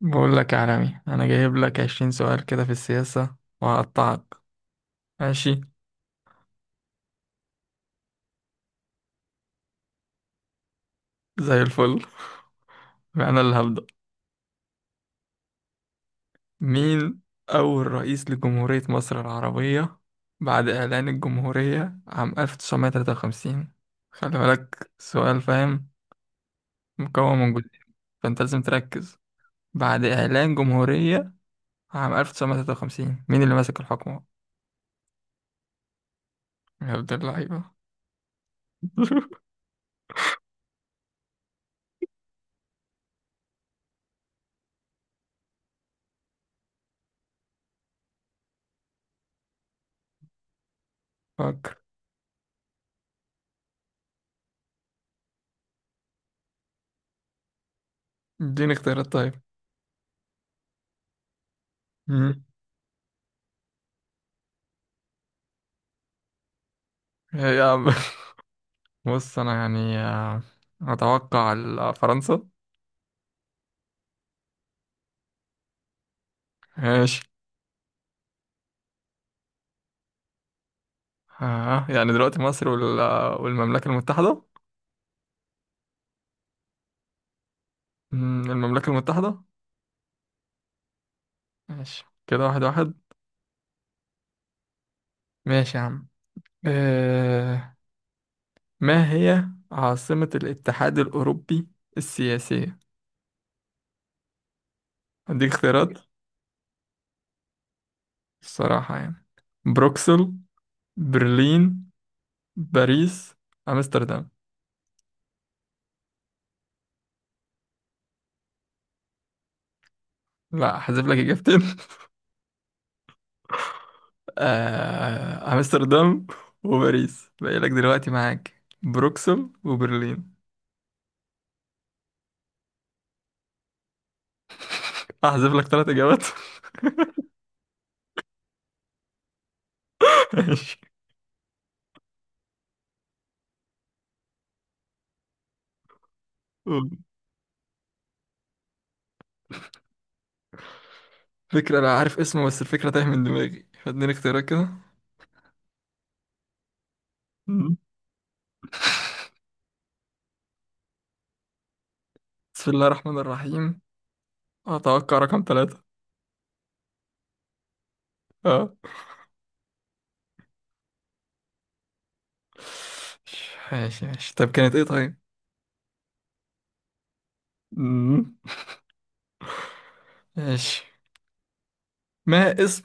بقول لك يا عالمي، انا جايب لك 20 سؤال كده في السياسة وهقطعك. ماشي؟ زي الفل. انا اللي هبدأ. مين اول رئيس لجمهورية مصر العربية بعد اعلان الجمهورية عام 1953؟ خلي بالك، سؤال فاهم، مكون من جزئين، فانت لازم تركز. بعد اعلان جمهورية عام 1953، مين اللي ماسك الحكم؟ يا عبد اللعيبة. فكر. اديني اختيارات طيب. مم. يا عم. بص، انا يعني اتوقع فرنسا. ماشي. آه، يعني دلوقتي مصر والمملكة المتحدة. مم، المملكة المتحدة. ماشي كده، واحد واحد. ماشي يا عم. آه. ما هي عاصمة الاتحاد الأوروبي السياسية؟ هديك اختيارات. الصراحة يعني، بروكسل، برلين، باريس، أمستردام. لا، هحذف لك إجابتين. امستردام وباريس باقي لك، دلوقتي معاك بروكسل وبرلين. احذف لك 3 اجابات. ماشي. فكرة، انا عارف اسمه بس الفكرة تايه من دماغي، فاديني اختيارات كده. مم. بسم الله الرحمن الرحيم، اتوقع رقم 3. اه. ماشي ماشي، طب كانت ايه طيب؟ مم. ماشي. ما اسم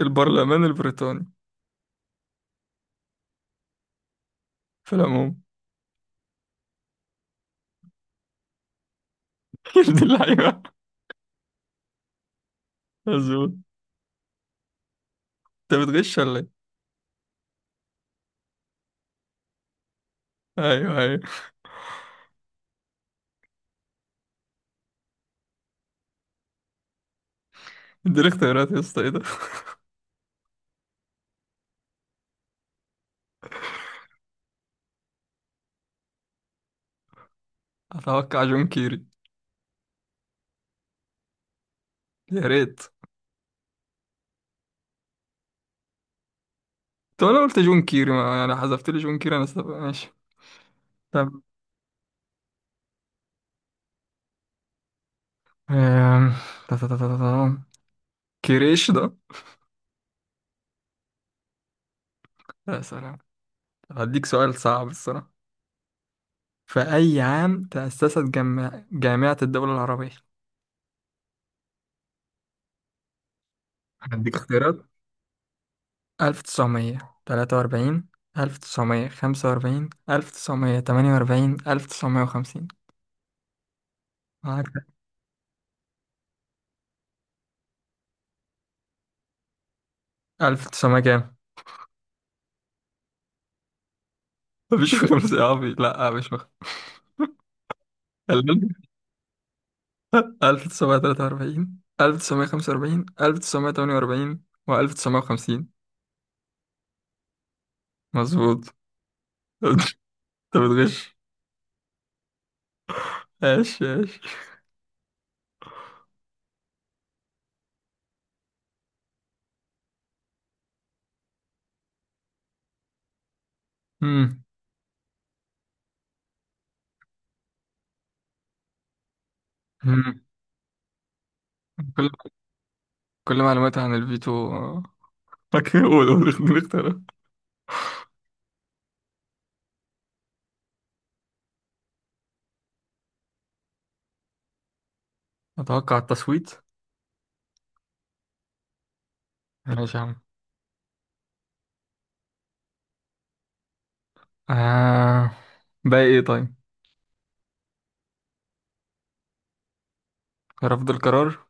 البرلمان البريطاني في العموم؟ يا دي اللعيبة، مظبوط. انت بتغش ولا ايه؟ ايوه ايوه. اديني اختيارات يا اسطى، ايه ده؟ اتوقع جون كيري. يا ريت. طب انا قلت جون كيري، ما يعني حذفت لي جون كيري، انا سب... ماشي. طب، آم، تا- تا- تا- تا- تا- تا. كريش ده. يا سلام. هديك سؤال صعب الصراحة. في أي عام تأسست جامعة الدول العربية؟ هديك اختيارات: 1943، 1945، 1948، 1950. معاك؟ 1900 كام؟ مفيش خمسة يا عبي، لا مش مخ... 1943، 1945، 1948، و1950. مظبوط. انت بتغش. ايش ايش. مم. مم. كل كل معلوماتي عن الفيتو، فاكر، قول، خليني اختار. اتوقع التصويت. ماشي يا عم. آه. باقي ايه طيب؟ رفض القرار.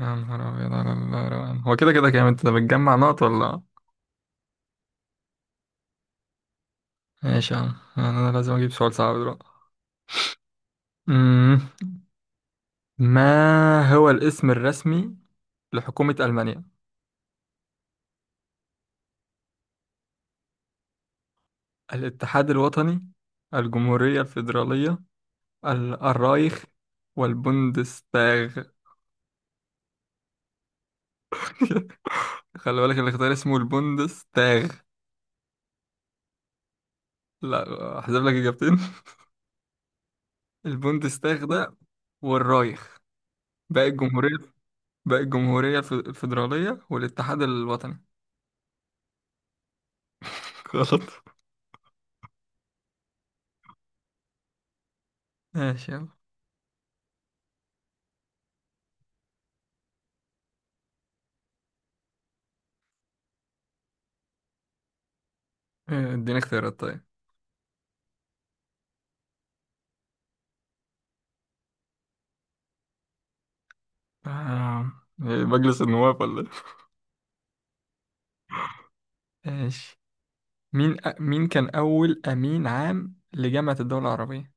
يا نهار ابيض على الروقان! هو كده كام؟ انت بتجمع نقط ولا؟ ماشي يا عم، انا لازم اجيب سؤال صعب دلوقتي. مم. ما هو الاسم الرسمي لحكومة ألمانيا؟ الاتحاد الوطني، الجمهورية الفيدرالية، الرايخ، والبوندستاغ. خلي بالك الاختيار اسمه البوندستاغ. لا، احذف لك إجابتين. البوندستاغ ده والرايخ. باقي الجمهورية. باقي الجمهورية الفيدرالية والاتحاد الوطني. غلط. ماشي، يلا. إيه، اديني اختيارات طيب. آه، إيه، مجلس النواب ولا إيه؟ ماشي. مين مين كان أول أمين عام لجامعة الدول العربية؟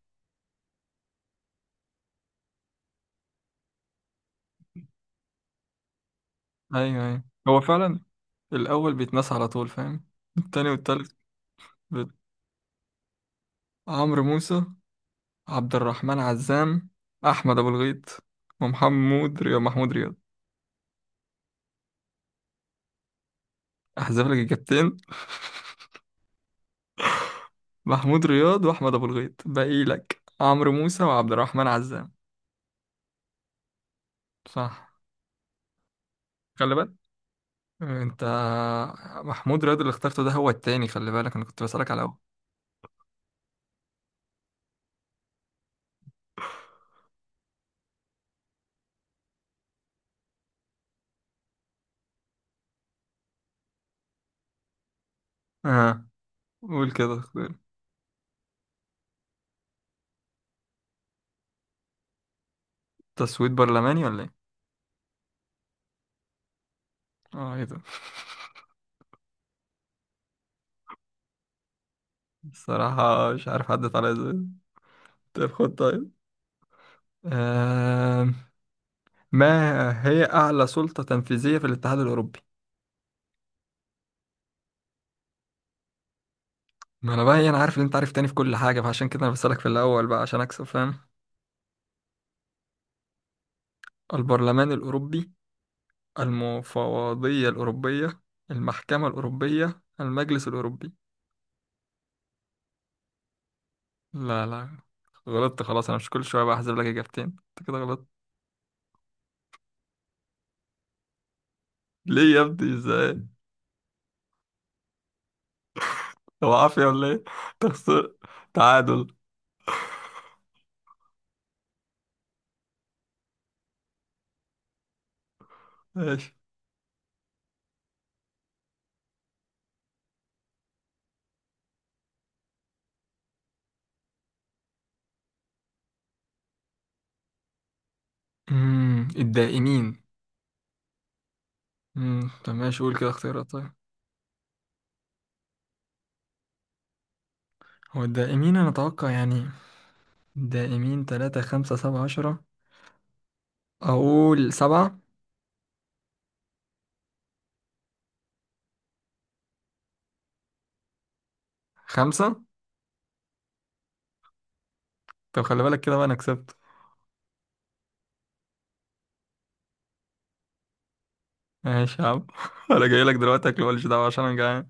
ايوه ايوه، هو فعلا الاول بيتنسى على طول، فاهم؟ التاني والتالت. بت- عمرو موسى، عبد الرحمن عزام، احمد ابو الغيط، ومحمود رياض محمود رياض احذف لك اجابتين. محمود رياض واحمد ابو الغيط، باقي لك عمرو موسى وعبد الرحمن عزام. صح. خلي بالك انت، محمود رياض اللي اخترته ده هو التاني، خلي بالك انا كنت بسألك على اول. اه، قول كده. تسويت برلماني ولا ايه؟ اه ايه ده. الصراحة مش عارف عدت عليا ازاي. طيب خد طيب. آم، ما هي أعلى سلطة تنفيذية في الاتحاد الأوروبي؟ ما أنا بقى إيه، أنا عارف إن أنت عارف تاني في كل حاجة، فعشان كده أنا بسألك في الأول بقى عشان أكسب، فاهم؟ البرلمان الأوروبي، المفوضية الأوروبية، المحكمة الأوروبية، المجلس الأوروبي. لا لا، غلطت خلاص. أنا مش كل شوية بقى أحذف لك إجابتين، أنت كده غلطت. ليه يا ابني إزاي؟ هو عافية ولا إيه؟ تخسر. تعادل. ماشي. الدائمين. طب ماشي، قول كده اختيارات طيب. هو الدائمين، أنا أتوقع يعني. دائمين تلاتة، خمسة، سبعة، عشرة. أقول سبعة. خمسة. طب خلي بالك كده بقى، أنا كسبت. ماشي يا عم. أنا جاي لك دلوقتي أكل، ماليش دعوة عشان أنا جعان.